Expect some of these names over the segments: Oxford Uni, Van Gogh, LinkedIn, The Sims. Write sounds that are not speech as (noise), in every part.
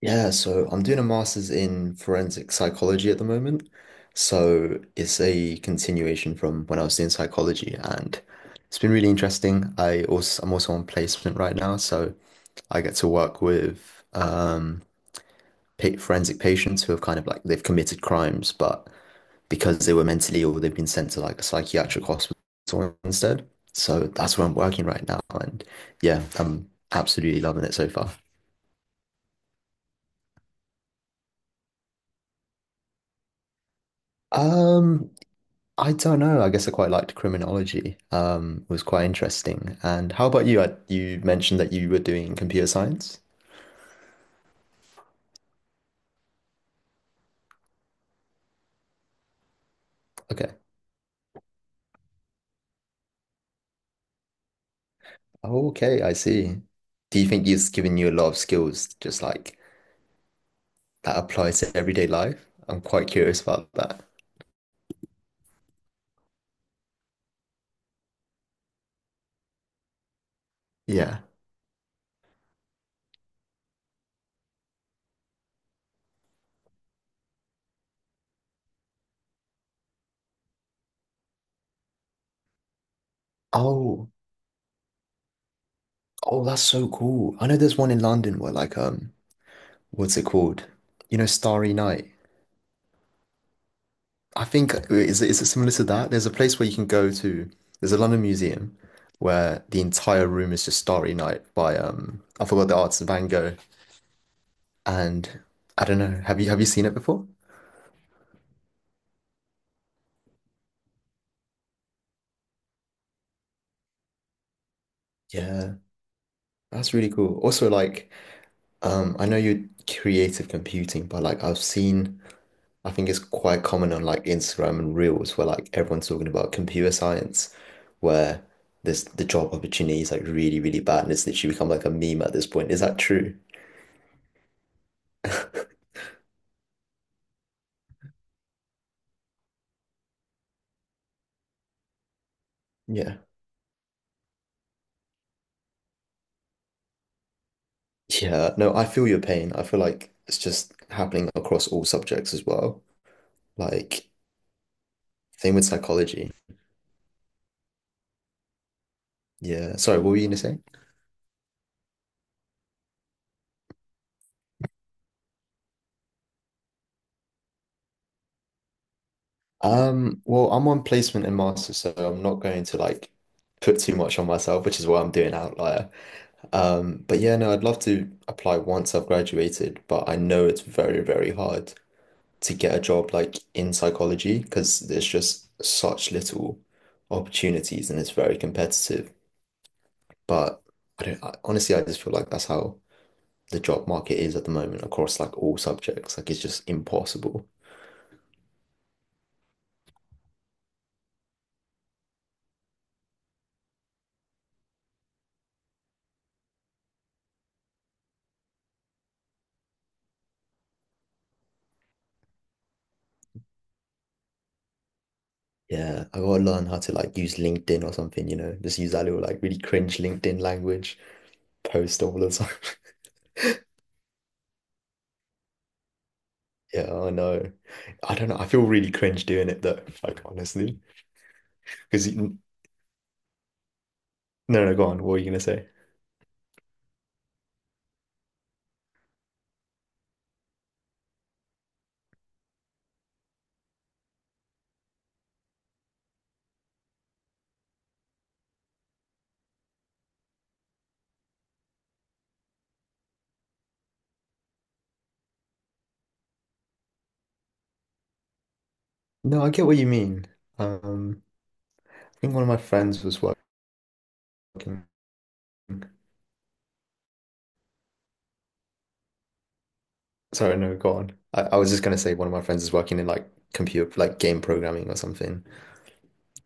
Yeah, so I'm doing a master's in forensic psychology at the moment. So it's a continuation from when I was doing psychology, and it's been really interesting. I'm also on placement right now, so I get to work with pa forensic patients who have kind of like they've committed crimes, but because they were mentally ill, they've been sent to like a psychiatric hospital instead. So that's where I'm working right now, and yeah, I'm absolutely loving it so far. Um, I don't know. I guess I quite liked criminology. It was quite interesting. And how about you? You mentioned that you were doing computer science. Okay. Okay, I see. Do you think it's given you a lot of skills just like that applies to everyday life? I'm quite curious about that. Yeah. Oh, oh, that's so cool. I know there's one in London where like what's it called? You know, Starry Night. I think is it similar to that? There's a place where you can go to. There's a London museum where the entire room is just Starry Night by I forgot the artist, Van Gogh. And I don't know. Have you seen it before? Yeah, that's really cool. Also, like I know you're creative computing, but like I've seen I think it's quite common on like Instagram and Reels where like everyone's talking about computer science, where there's the job opportunity is like really really bad and it's literally become like a meme at this point. Is that true? Yeah. Yeah, no, I feel your pain. I feel like it's just happening across all subjects as well. Like, same with psychology. Yeah. Sorry, what were you gonna say? Well, I'm on placement and master, so I'm not going to like put too much on myself, which is why I'm doing Outlier. But yeah, no, I'd love to apply once I've graduated, but I know it's very, very hard to get a job like in psychology because there's just such little opportunities and it's very competitive. But I don't, I, honestly, I just feel like that's how the job market is at the moment across like all subjects. Like it's just impossible. Yeah, I gotta learn how to like use LinkedIn or something, you know, just use that little like really cringe LinkedIn language, post all the time. (laughs) Yeah, I know. I don't know. I feel really cringe doing it though, like honestly. Because you, no, No, go on. What were you gonna say? No, I get what you mean. Um, I think one of my friends was working. Sorry, no, go on. I was just gonna say one of my friends is working in like computer, like game programming or something.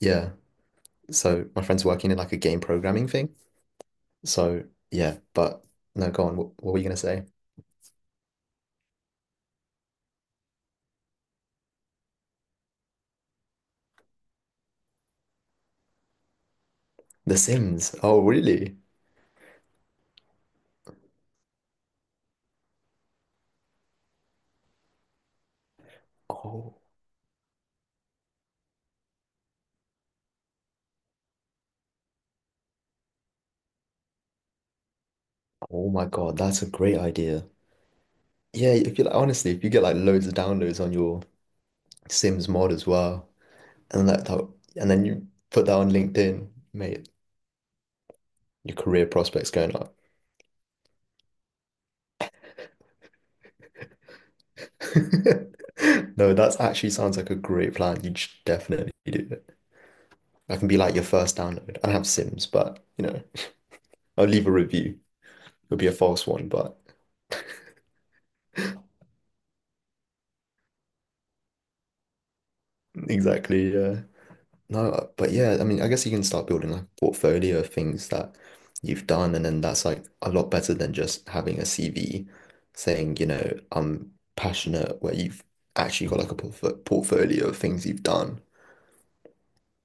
Yeah. So my friend's working in like a game programming thing. So yeah, but no, go on. What were you gonna say? The Sims. Oh, really? Oh, oh my God, that's a great idea. Yeah, if you like, honestly, if you get like loads of downloads on your Sims mod as well, and that, and then you put that on LinkedIn, mate, your career prospects going up. (laughs) No, that's actually sounds like a great plan. You should definitely do it. That can be like your first download. I don't have Sims, but you know, I'll leave a review. It'll be a false one, but exactly, yeah. No, but yeah, I mean, I guess you can start building like a portfolio of things that you've done, and then that's like a lot better than just having a CV saying, you know, I'm passionate, where you've actually got like a portfolio of things you've done.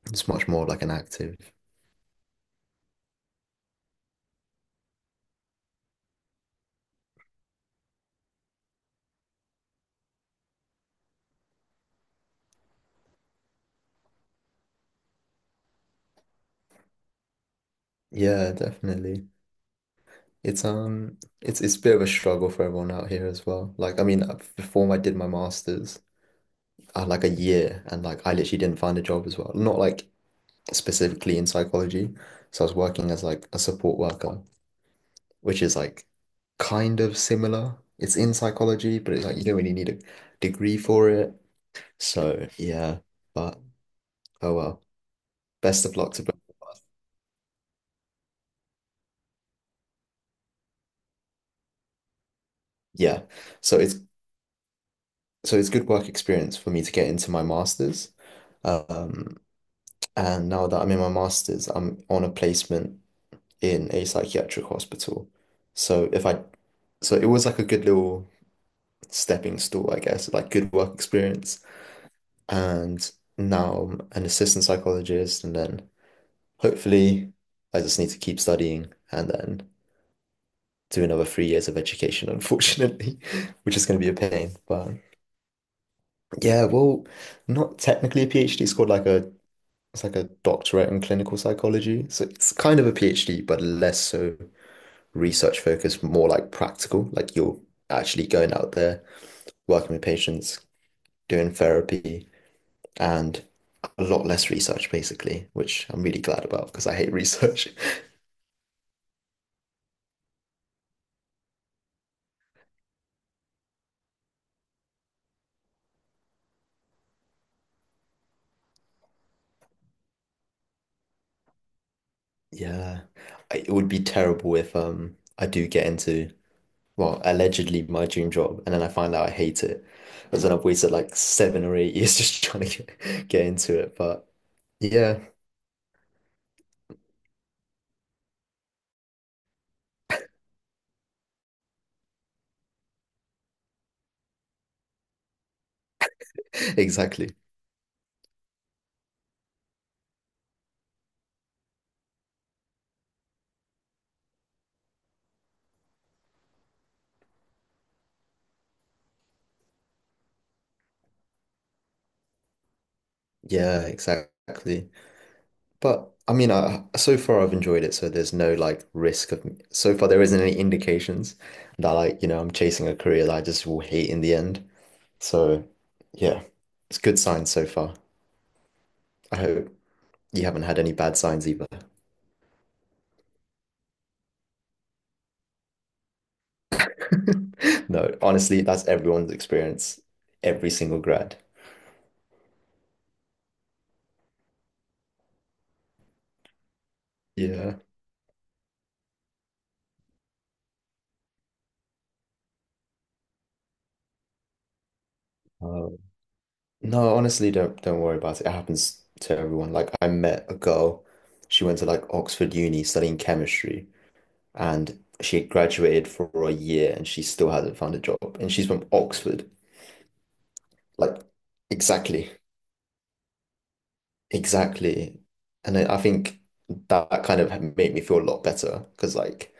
It's much more like an active. Yeah, definitely. It's a bit of a struggle for everyone out here as well. Like I mean before I did my master's, I had like a year and like I literally didn't find a job as well. Not like specifically in psychology. So I was working as like a support worker, which is like kind of similar. It's in psychology, but it's like you don't really need a degree for it. So yeah, but oh well. Best of luck to both. Yeah. So it's so it's good work experience for me to get into my master's. Um, And now that I'm in my master's, I'm on a placement in a psychiatric hospital. So if I, so it was like a good little stepping stool, I guess, like good work experience. And now I'm an assistant psychologist, and then hopefully I just need to keep studying and then do another 3 years of education, unfortunately, (laughs) which is going to be a pain. But yeah, well, not technically a PhD. It's like a doctorate in clinical psychology. So it's kind of a PhD, but less so research focused, more like practical, like you're actually going out there, working with patients, doing therapy, and a lot less research basically, which I'm really glad about because I hate research. (laughs) Yeah, it would be terrible if I do get into well allegedly my dream job and then I find out I hate it, because then I've wasted like 7 or 8 years (laughs) just trying to get into it. But yeah, (laughs) exactly. Yeah, exactly. But I mean, I, so far I've enjoyed it, so there's no like risk of so far there isn't any indications that like, you know, I'm chasing a career that I just will hate in the end. So yeah, it's good signs so far. I hope you haven't had any bad signs either. (laughs) No, honestly, that's everyone's experience, every single grad. Yeah. Um, no, honestly, don't worry about it. It happens to everyone. Like I met a girl, she went to like Oxford Uni studying chemistry, and she had graduated for a year and she still hasn't found a job. And she's from Oxford. Like, exactly, exactly. And I think that kind of made me feel a lot better because, like,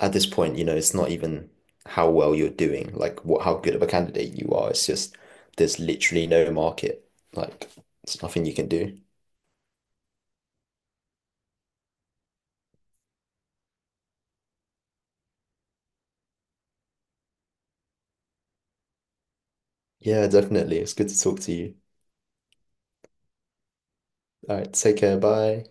at this point, you know, it's not even how well you're doing, like, what how good of a candidate you are. It's just there's literally no market. Like, there's nothing you can do. Yeah, definitely. It's good to talk to you. All right, take care. Bye.